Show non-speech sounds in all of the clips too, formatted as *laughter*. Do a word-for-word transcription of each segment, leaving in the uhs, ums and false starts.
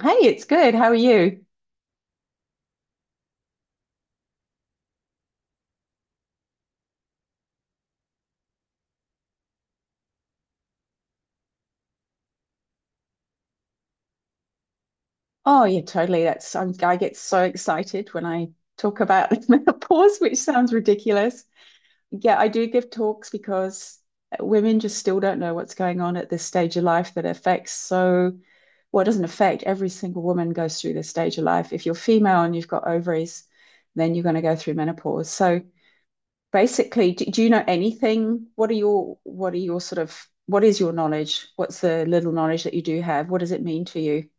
Hey, it's good. How are you? Oh, yeah, totally. That's I'm, I get so excited when I talk about *laughs* menopause, which sounds ridiculous. Yeah, I do give talks because women just still don't know what's going on at this stage of life that affects so, well, it doesn't affect, every single woman goes through this stage of life. If you're female and you've got ovaries, then you're going to go through menopause. So basically, do, do you know anything? What are your what are your sort of What is your knowledge? What's the little knowledge that you do have? What does it mean to you?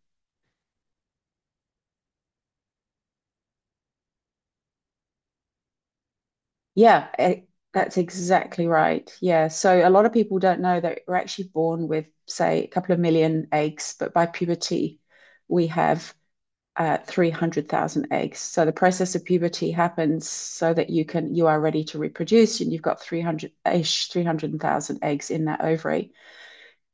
Yeah, eh, that's exactly right. Yeah. So a lot of people don't know that we're actually born with, say, a couple of million eggs, but by puberty, we have uh, three hundred thousand eggs. So the process of puberty happens so that you can you are ready to reproduce, and you've got three hundred-ish, three hundred thousand eggs in that ovary.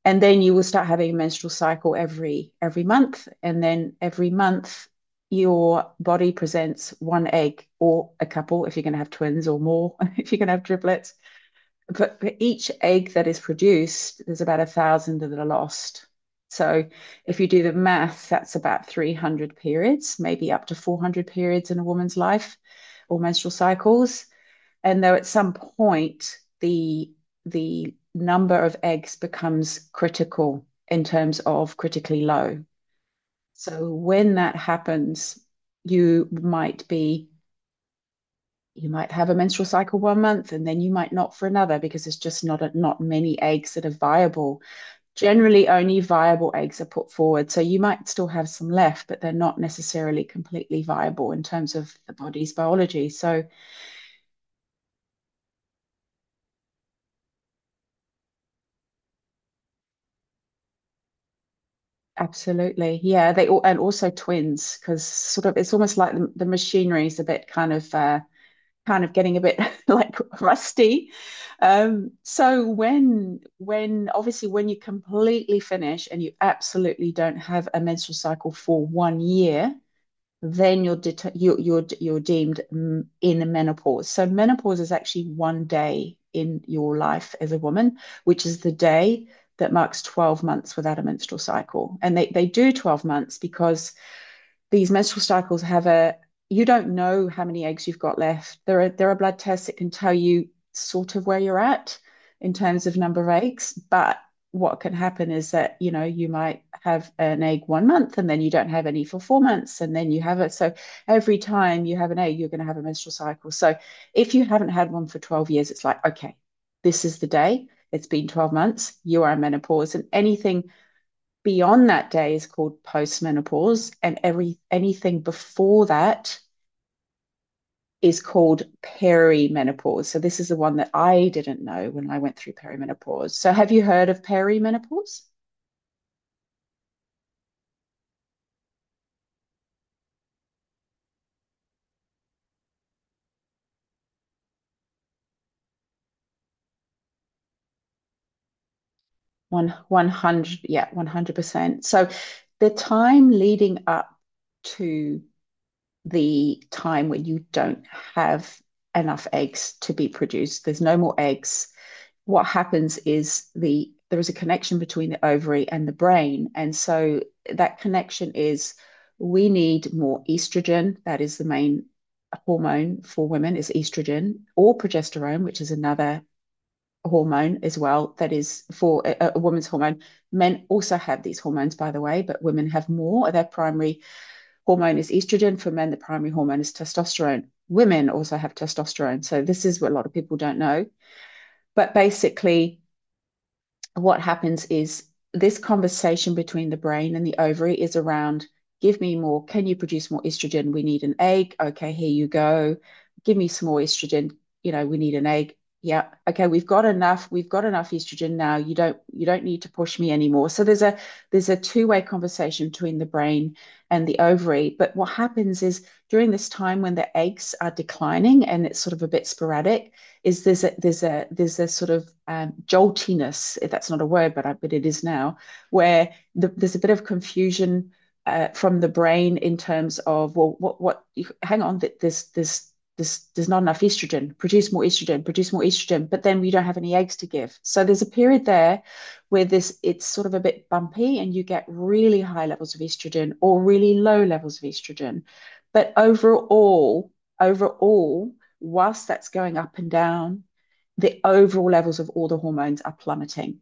And then you will start having a menstrual cycle every every month, and then every month your body presents one egg, or a couple if you're going to have twins, or more *laughs* if you're going to have triplets. But for each egg that is produced, there's about a thousand that are lost. So if you do the math, that's about three hundred periods, maybe up to four hundred periods, in a woman's life, or menstrual cycles. And though at some point the the number of eggs becomes critical, in terms of critically low. So when that happens, you might be you might have a menstrual cycle one month, and then you might not for another, because there's just not a, not many eggs that are viable. Generally, only viable eggs are put forward, so you might still have some left, but they're not necessarily completely viable in terms of the body's biology. So Absolutely. Yeah, they all and also twins, because sort of it's almost like the, the machinery is a bit kind of uh, kind of getting a bit *laughs* like rusty. Um, so when when obviously, when you completely finish and you absolutely don't have a menstrual cycle for one year, then you're det- you're you're you're deemed, mm, in menopause. So menopause is actually one day in your life as a woman, which is the day that marks twelve months without a menstrual cycle. And they, they do twelve months because these menstrual cycles have a you don't know how many eggs you've got left. There are there are blood tests that can tell you sort of where you're at in terms of number of eggs. But what can happen is that, you know, you might have an egg one month, and then you don't have any for four months, and then you have it. So every time you have an egg, you're going to have a menstrual cycle. So if you haven't had one for twelve years, it's like, okay, this is the day, it's been twelve months, you are in menopause. And anything beyond that day is called postmenopause, and every anything before that is called perimenopause. So this is the one that I didn't know when I went through perimenopause. So have you heard of perimenopause? One one hundred, yeah, one hundred percent. So the time leading up to the time when you don't have enough eggs to be produced. There's no more eggs. What happens is, the there is a connection between the ovary and the brain. And so that connection is, we need more estrogen. That is the main hormone for women, is estrogen, or progesterone, which is another hormone as well, that is for a, a, woman's hormone. Men also have these hormones, by the way, but women have more. Their primary hormone is estrogen. For men, the primary hormone is testosterone. Women also have testosterone, so this is what a lot of people don't know. But basically, what happens is, this conversation between the brain and the ovary is around, give me more, can you produce more estrogen, we need an egg, okay, here you go, give me some more estrogen, you know, we need an egg, yeah, okay, we've got enough we've got enough estrogen now, you don't you don't need to push me anymore. So there's a there's a two-way conversation between the brain and the ovary. But what happens is, during this time when the eggs are declining and it's sort of a bit sporadic, is, there's a there's a there's a sort of um, joltiness, if that's not a word, but I, but it is now. Where the, there's a bit of confusion, uh, from the brain, in terms of, well, what what hang on, that this this this there's not enough estrogen, produce more estrogen, produce more estrogen, but then we don't have any eggs to give. So there's a period there where this it's sort of a bit bumpy, and you get really high levels of estrogen or really low levels of estrogen. But overall, overall whilst that's going up and down, the overall levels of all the hormones are plummeting.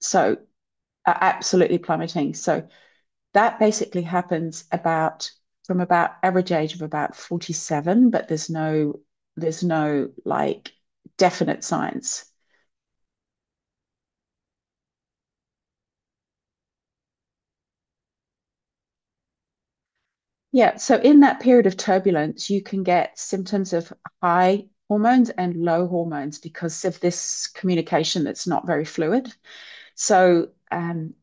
So, are absolutely plummeting. So, that basically happens about from about average age of about forty-seven, but there's no, there's no like, definite science. Yeah, so in that period of turbulence, you can get symptoms of high hormones and low hormones, because of this communication that's not very fluid. So um,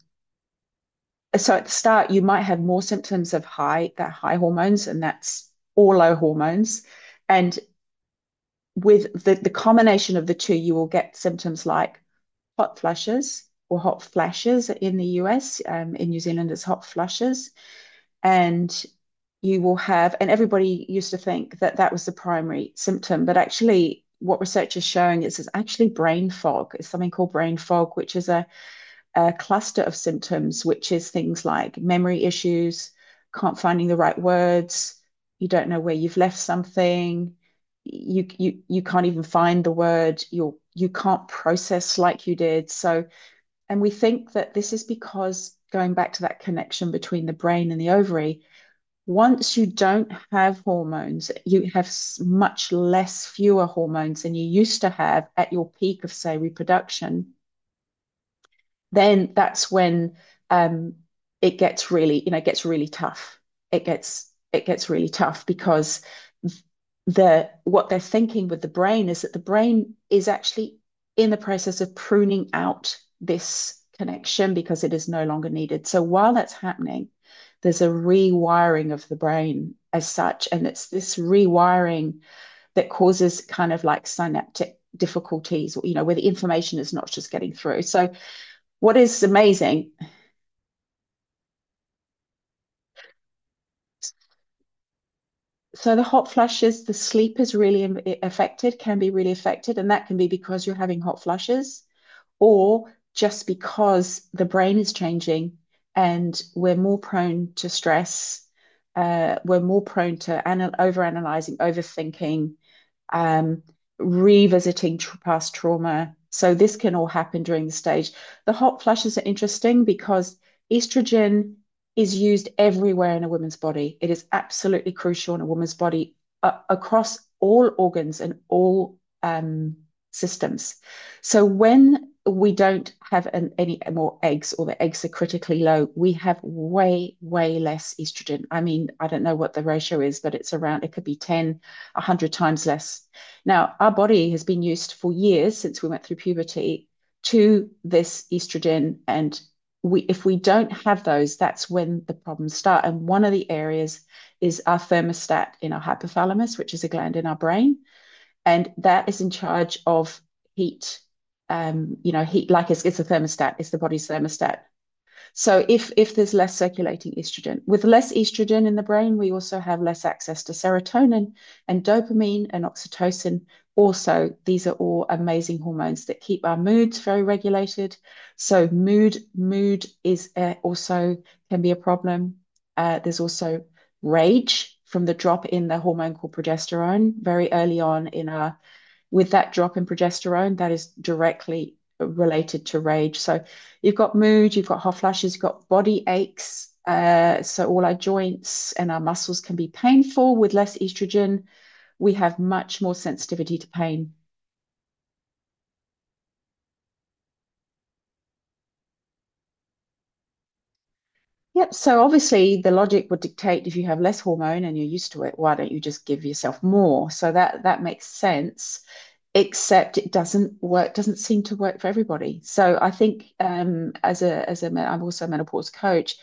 so at the start you might have more symptoms of high that high hormones, and that's or low hormones. And with the, the combination of the two, you will get symptoms like hot flushes, or hot flashes in the US, um, in New Zealand it's hot flushes. And you will have and everybody used to think that that was the primary symptom, but actually what research is showing is, it's actually brain fog, it's something called brain fog, which is a a cluster of symptoms, which is things like memory issues, can't finding the right words, you don't know where you've left something, you you you can't even find the word, you're you can't process like you did. So, and we think that this is because, going back to that connection between the brain and the ovary, once you don't have hormones, you have much less, fewer hormones than you used to have at your peak of, say, reproduction, then that's when, um, it gets really, you know, it gets really tough. It gets it gets really tough because the what they're thinking with the brain is, that the brain is actually in the process of pruning out this connection because it is no longer needed. So while that's happening, there's a rewiring of the brain as such. And it's this rewiring that causes kind of like synaptic difficulties, you know, where the information is not just getting through. So what is amazing so the hot flushes, the sleep is really affected, can be really affected, and that can be because you're having hot flushes, or just because the brain is changing, and we're more prone to stress, uh, we're more prone to anal- overanalyzing, overthinking, um, revisiting tr- past trauma. So this can all happen during the stage. The hot flushes are interesting because estrogen is used everywhere in a woman's body. It is absolutely crucial in a woman's body, uh, across all organs and all um, systems. So when we don't have an, any more eggs, or the eggs are critically low, we have way, way less estrogen. I mean, I don't know what the ratio is, but it's around, it could be ten, one hundred times less. Now, our body has been used for years since we went through puberty to this estrogen. And we, if we don't have those, that's when the problems start. And one of the areas is our thermostat in our hypothalamus, which is a gland in our brain. And that is in charge of heat. Um, you know, heat, like, it's, it's a thermostat, it's the body's thermostat. So if if there's less circulating estrogen, with less estrogen in the brain, we also have less access to serotonin and dopamine and oxytocin. Also, these are all amazing hormones that keep our moods very regulated. So mood mood is, uh, also can be a problem. Uh, there's also rage from the drop in the hormone called progesterone very early on in our, with that drop in progesterone, that is directly related to rage. So you've got mood, you've got hot flashes, you've got body aches. Uh, so all our joints and our muscles can be painful with less estrogen. We have much more sensitivity to pain. Yep. So obviously, the logic would dictate, if you have less hormone and you're used to it, why don't you just give yourself more? So that that makes sense. Except it doesn't work. Doesn't seem to work for everybody. So I think, um, as a as a I'm also a menopause coach.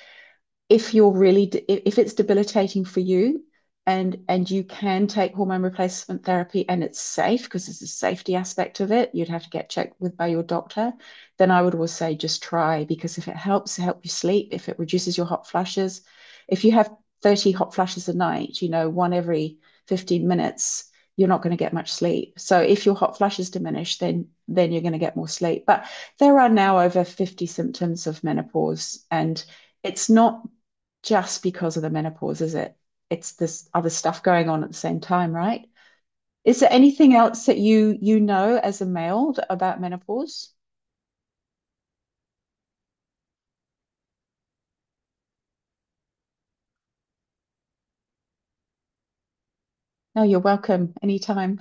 If you're really de- if it's debilitating for you, and and you can take hormone replacement therapy, and it's safe, because there's a safety aspect of it, you'd have to get checked with, by your doctor, then I would always say, just try. Because if it helps help you sleep, if it reduces your hot flushes, if you have thirty hot flushes a night, you know one every fifteen minutes, you're not going to get much sleep. So if your hot flushes diminish, then then you're going to get more sleep. But there are now over fifty symptoms of menopause, and it's not just because of the menopause, is it? It's this other stuff going on at the same time, right? Is there anything else that you you know as a male about menopause? No, you're welcome anytime.